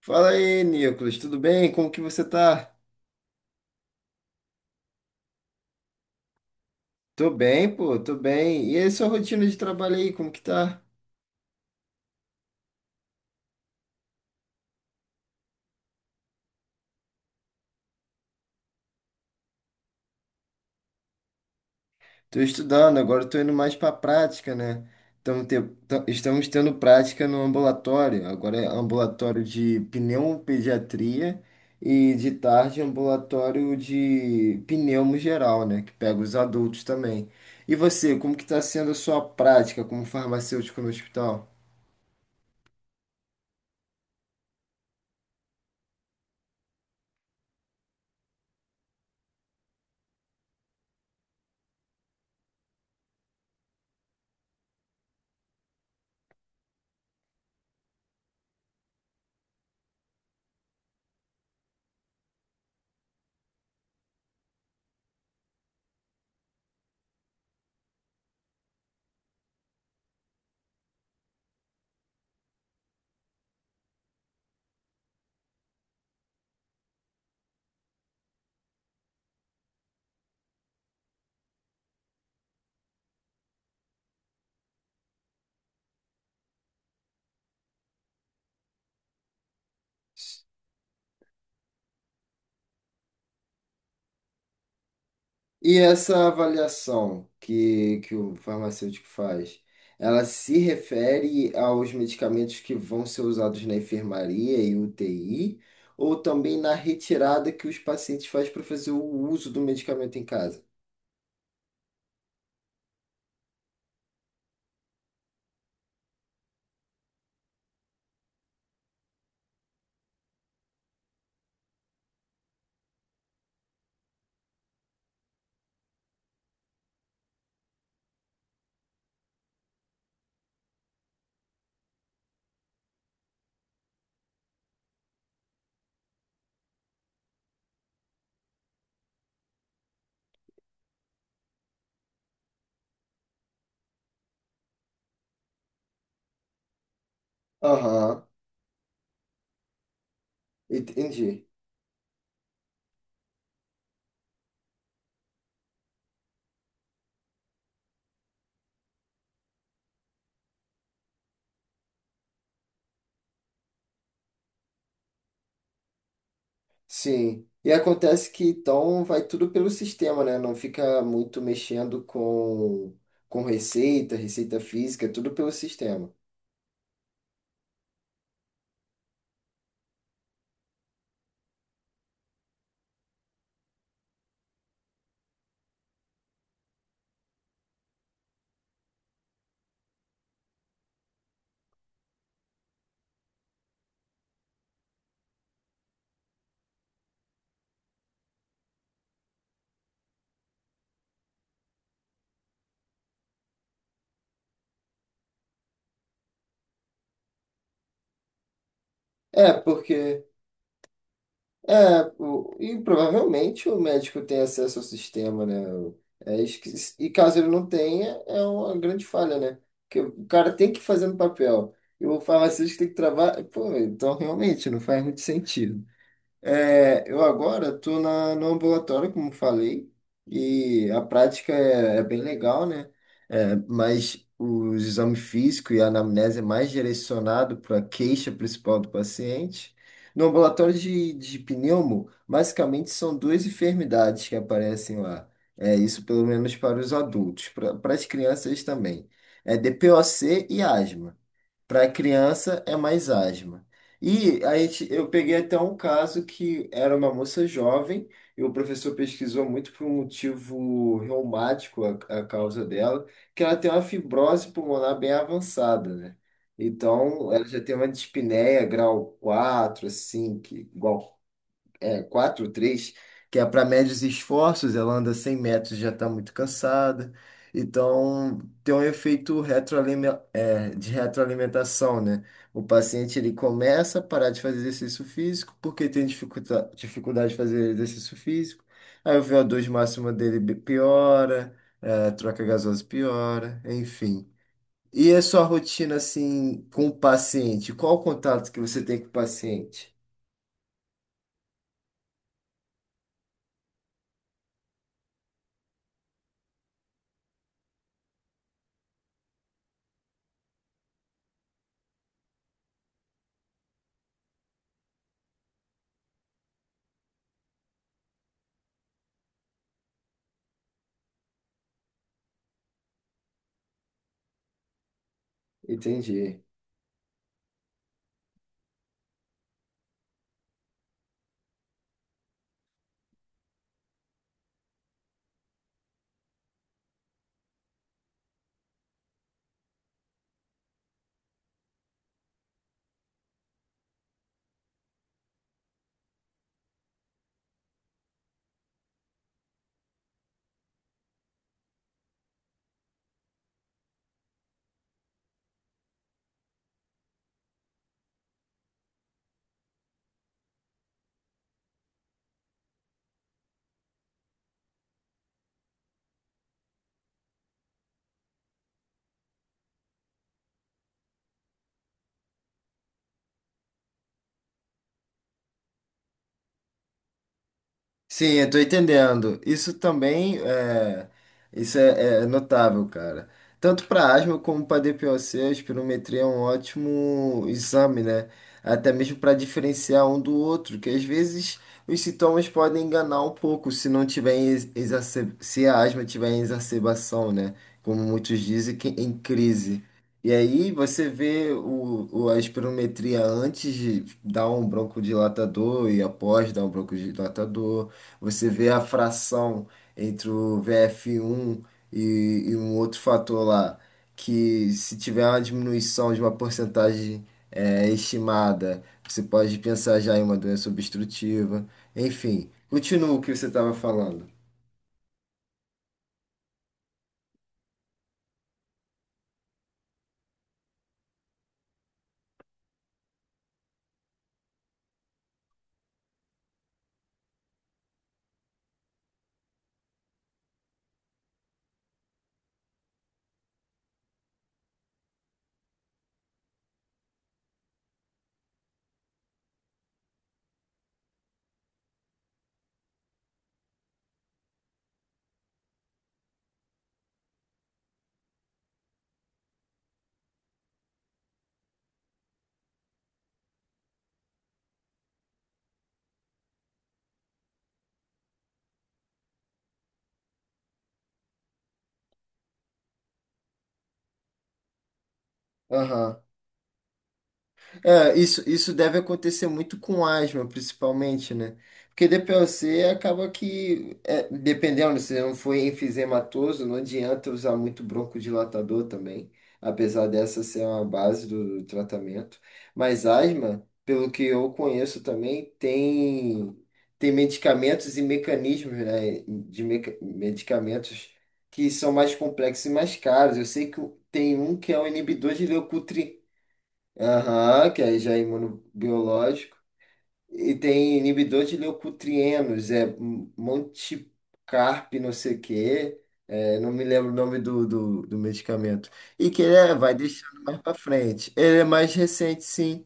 Fala aí, Nicolas, tudo bem? Como que você tá? Tô bem, pô, tô bem. E aí, sua rotina de trabalho aí, como que tá? Tô estudando, agora tô indo mais pra prática, né? Estamos tendo prática no ambulatório, agora é ambulatório de pneumopediatria e de tarde ambulatório de pneumo geral, né? Que pega os adultos também. E você, como que tá sendo a sua prática como farmacêutico no hospital? E essa avaliação que o farmacêutico faz, ela se refere aos medicamentos que vão ser usados na enfermaria e UTI, ou também na retirada que os pacientes fazem para fazer o uso do medicamento em casa? Aham, entendi. Sim. E acontece que então vai tudo pelo sistema, né? Não fica muito mexendo com receita, receita física, é tudo pelo sistema. É, porque. É, e provavelmente o médico tem acesso ao sistema, né? É esqui- e caso ele não tenha, é uma grande falha, né? Porque o cara tem que fazer no papel. E o farmacêutico tem que trabalhar. Pô, então realmente não faz muito sentido. É, eu agora estou no ambulatório, como falei, e a prática é bem legal, né? É, mas os exames físicos e a anamnese é mais direcionado para a queixa principal do paciente. No ambulatório de pneumo, basicamente são duas enfermidades que aparecem lá. É isso pelo menos para os adultos, para as crianças também. É DPOC e asma. Para criança é mais asma. E a gente, eu peguei até um caso que era uma moça jovem e o professor pesquisou muito por um motivo reumático a causa dela, que ela tem uma fibrose pulmonar bem avançada, né? Então, ela já tem uma dispneia grau 4 assim, que igual 4 três que é para médios esforços, ela anda 100 metros e já está muito cansada. Então, tem um efeito de retroalimentação, né? O paciente ele começa a parar de fazer exercício físico porque tem dificuldade de fazer exercício físico. Aí o VO2 máximo dele piora, é, a troca gasosa piora, enfim. E a sua rotina assim com o paciente? Qual o contato que você tem com o paciente? Entendi. Sim, eu tô entendendo. Isso é notável, cara. Tanto para asma como para DPOC, a espirometria é um ótimo exame, né? Até mesmo para diferenciar um do outro, que às vezes os sintomas podem enganar um pouco se não tiver se a asma tiver em exacerbação, né? Como muitos dizem, que em crise. E aí você vê a espirometria antes de dar um broncodilatador e após dar um broncodilatador. Você vê a fração entre o VF1 e um outro fator lá, que se tiver uma diminuição de uma porcentagem estimada, você pode pensar já em uma doença obstrutiva. Enfim, continua o que você estava falando. Aham. É, isso deve acontecer muito com asma, principalmente, né? Porque DPOC acaba que, dependendo, se não for enfisematoso, não adianta usar muito broncodilatador também, apesar dessa ser uma base do tratamento. Mas asma, pelo que eu conheço também, tem medicamentos e mecanismos, né, de medicamentos que são mais complexos e mais caros. Eu sei que tem um que é o inibidor de leucotrienina. Aham, que aí já é imunobiológico. E tem inibidor de leucotrienos, é Monticarp, não sei o quê. É, não me lembro o nome do medicamento. E que ele vai deixando mais pra frente. Ele é mais recente, sim.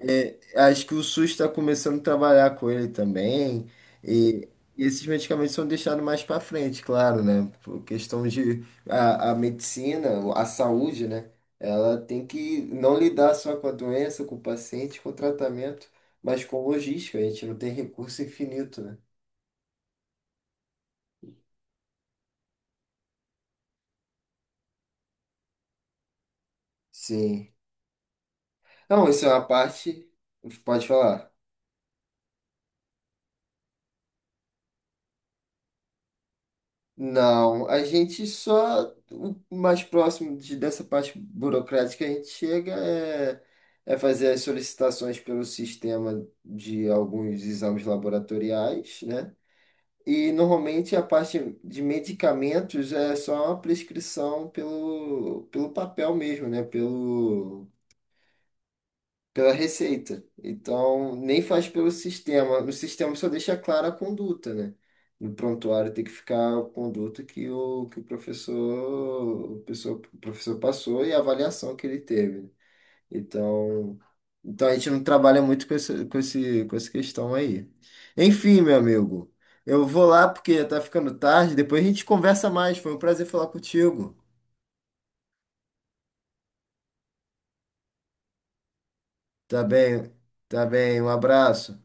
É, acho que o SUS está começando a trabalhar com ele também. E, e esses medicamentos são deixados mais para frente, claro, né? Por questão de a medicina, a saúde, né? Ela tem que não lidar só com a doença, com o paciente, com o tratamento, mas com logística. A gente não tem recurso infinito, né? Sim. Não, isso é uma parte. Pode falar. Não, a gente só. O mais próximo dessa parte burocrática que a gente chega é fazer as solicitações pelo sistema de alguns exames laboratoriais, né? E normalmente a parte de medicamentos é só uma prescrição pelo papel mesmo, né? Pelo pela receita. Então, nem faz pelo sistema. No sistema só deixa clara a conduta, né? No prontuário tem que ficar a conduta que o professor, o professor passou e a avaliação que ele teve. Né? Então, então a gente não trabalha muito com essa questão aí. Enfim, meu amigo, eu vou lá porque já tá ficando tarde, depois a gente conversa mais. Foi um prazer falar contigo. Tá bem, tá bem, um abraço.